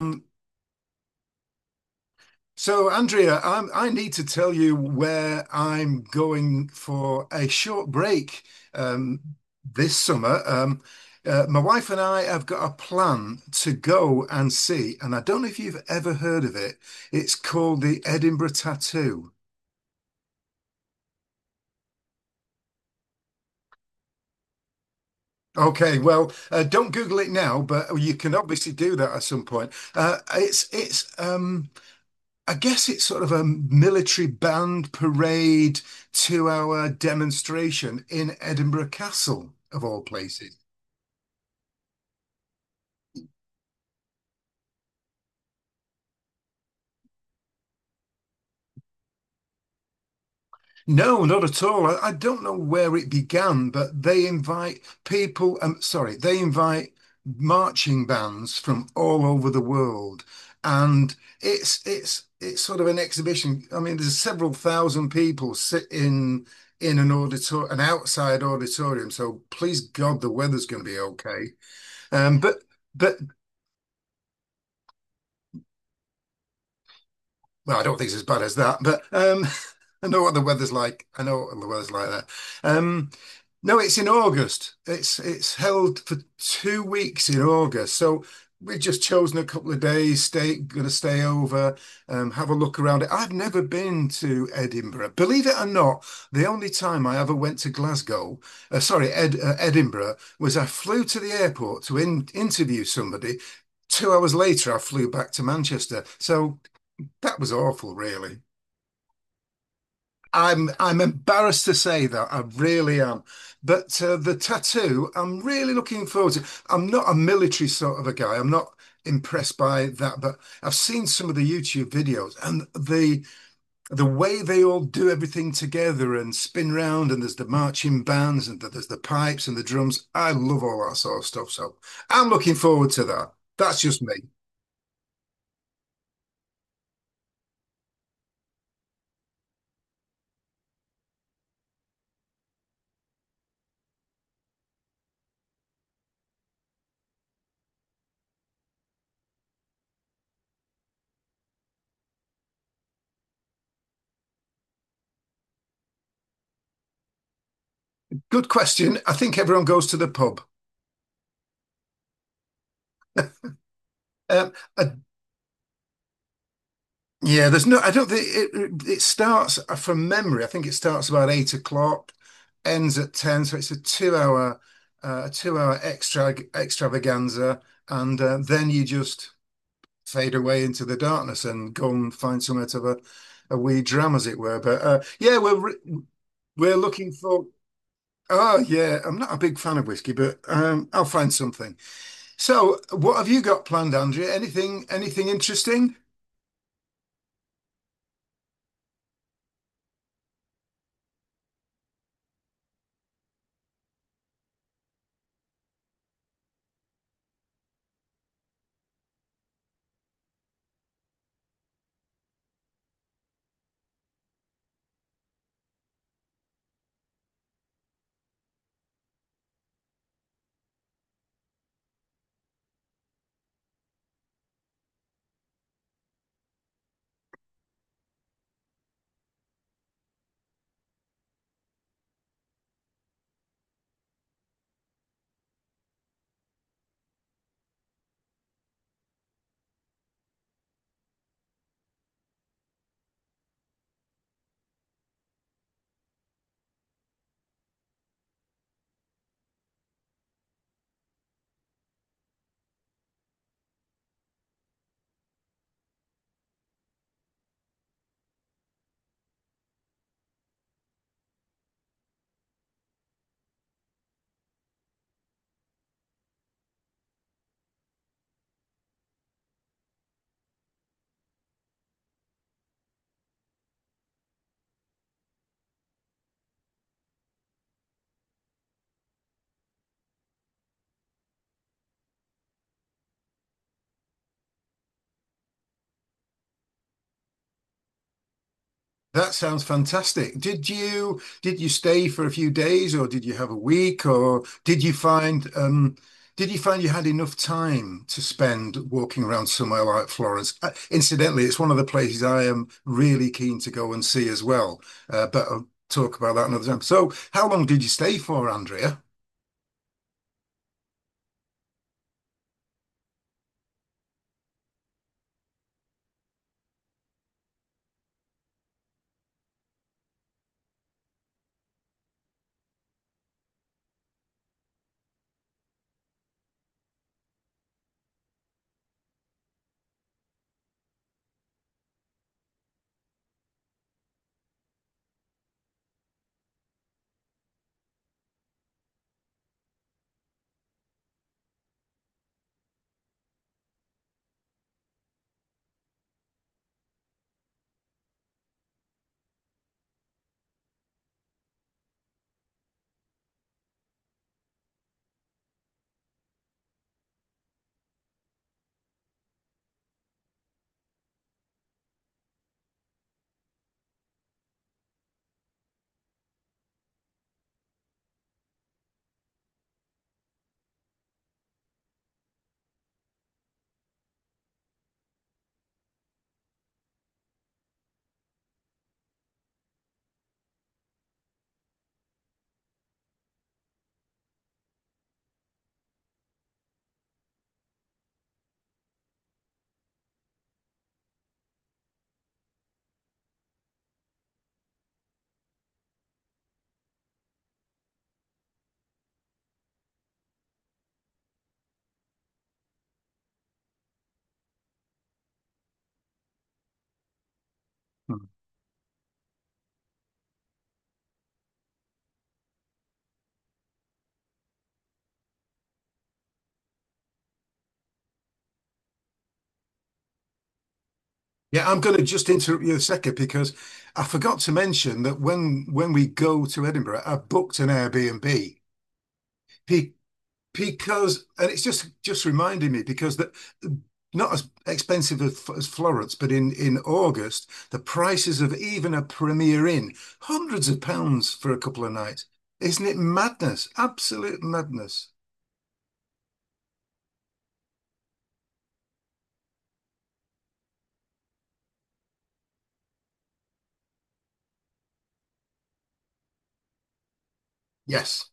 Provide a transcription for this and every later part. Um, So, Andrea, I need to tell you where I'm going for a short break um, this summer. My wife and I have got a plan to go and see, and I don't know if you've ever heard of it. It's called the Edinburgh Tattoo. Okay, well, don't Google it now, but you can obviously do that at some point. It's I guess it's sort of a military band parade 2-hour demonstration in Edinburgh Castle, of all places. No, not at all. I don't know where it began, but they invite people, um, sorry, they invite marching bands from all over the world. And it's sort of an exhibition. I mean, there's several thousand people sit in an auditor an outside auditorium. So please God, the weather's going to be okay. Um, but but well, I don't think it's as bad as that. But I know what the weather's like. I know what the weather's like there. Um, no, it's in August. It's held for 2 weeks in August. So we've just chosen a couple of days, stay gonna stay over, have a look around it. I've never been to Edinburgh. Believe it or not, the only time I ever went to Glasgow, sorry, Edinburgh, was I flew to the airport to interview somebody. 2 hours later, I flew back to Manchester. So that was awful, really. I'm embarrassed to say that I really am, but the tattoo I'm really looking forward to. I'm not a military sort of a guy. I'm not impressed by that, but I've seen some of the YouTube videos and the way they all do everything together and spin round, and there's the marching bands and there's the pipes and the drums. I love all that sort of stuff, so I'm looking forward to that. That's just me. Good question. I think everyone goes to the pub. I Yeah, there's no, I don't think it starts from memory. I think it starts about 8 o'clock, ends at 10. So it's a 2-hour extravaganza. And then you just fade away into the darkness and go and find somewhere to have a wee dram, as it were. But yeah, we're looking for, oh, yeah, I'm not a big fan of whiskey, but I'll find something. So what have you got planned, Andrea? Anything, anything interesting? That sounds fantastic. Did you stay for a few days or did you have a week, or did you find you had enough time to spend walking around somewhere like Florence? Incidentally, it's one of the places I am really keen to go and see as well. But I'll talk about that another time. So, how long did you stay for, Andrea? Hmm. Yeah, I'm going to just interrupt you a second because I forgot to mention that when we go to Edinburgh, I booked an Airbnb. Because, and it's just reminding me, because that, not as expensive as Florence, but in August the prices of even a Premier Inn, hundreds of pounds for a couple of nights. Isn't it madness? Absolute madness. Yes.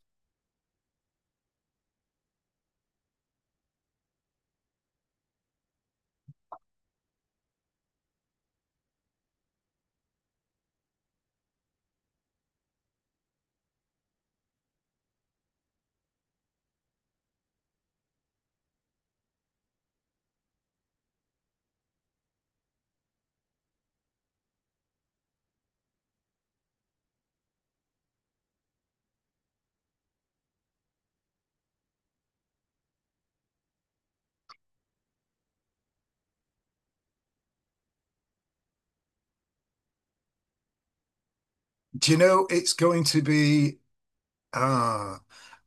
Do you know it's going to be— ah,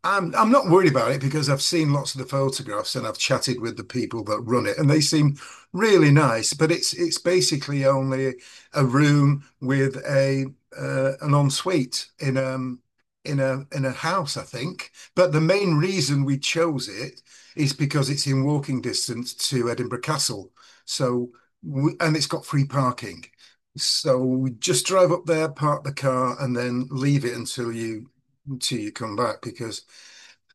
I'm not worried about it because I've seen lots of the photographs and I've chatted with the people that run it and they seem really nice, but it's basically only a room with a an ensuite in a house, I think. But the main reason we chose it is because it's in walking distance to Edinburgh Castle. So we, and it's got free parking. So we just drive up there, park the car, and then leave it until you till you come back, because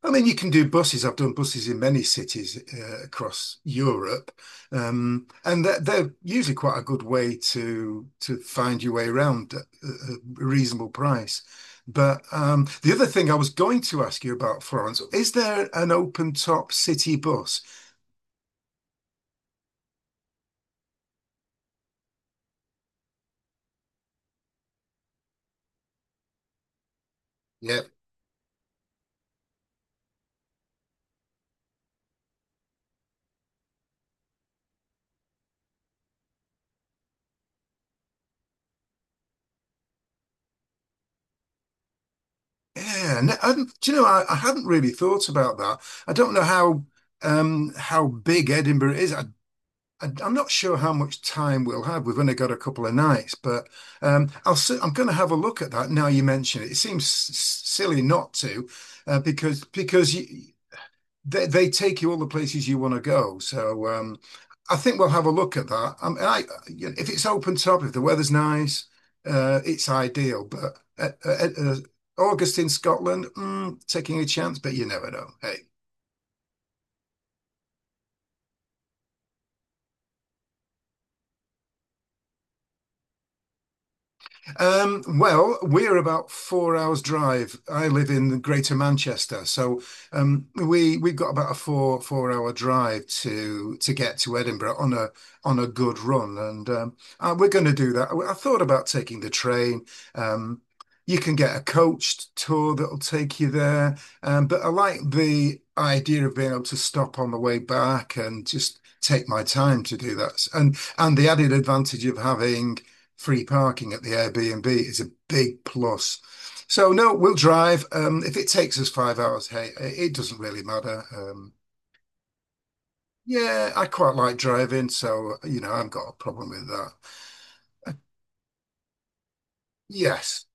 I mean you can do buses. I've done buses in many cities across Europe, and they're usually quite a good way to find your way around at a reasonable price. But the other thing I was going to ask you about Florence, is there an open top city bus? Yep. Yeah, and do you know, I hadn't really thought about that. I don't know how big Edinburgh is. I And I'm not sure how much time we'll have. We've only got a couple of nights, but I'll si am going to have a look at that now you mention it. It seems silly not to, because you, they take you all the places you want to go. So I think we'll have a look at that. And I, you know, if it's open top, if the weather's nice, it's ideal. But August in Scotland, taking a chance, but you never know. Hey. Well, we're about 4 hours drive. I live in the Greater Manchester, so we've got about a four hour drive to get to Edinburgh on a good run, and we're going to do that. I thought about taking the train. Um, you can get a coached tour that'll take you there, but I like the idea of being able to stop on the way back and just take my time to do that, and the added advantage of having free parking at the Airbnb is a big plus. So no, we'll drive. If it takes us 5 hours, hey, it doesn't really matter. Yeah, I quite like driving, so you know, I've got a problem with that. Yes,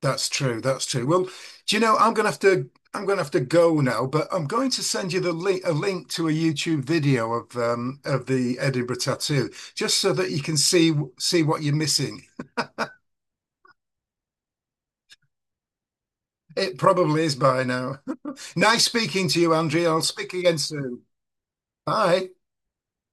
that's true. That's true. Well, do you know, I'm gonna have to go now, but I'm going to send you the link a link to a YouTube video of the Edinburgh tattoo, just so that you can see what you're missing. It probably is by now. Nice speaking to you, Andrea. I'll speak again soon. Bye.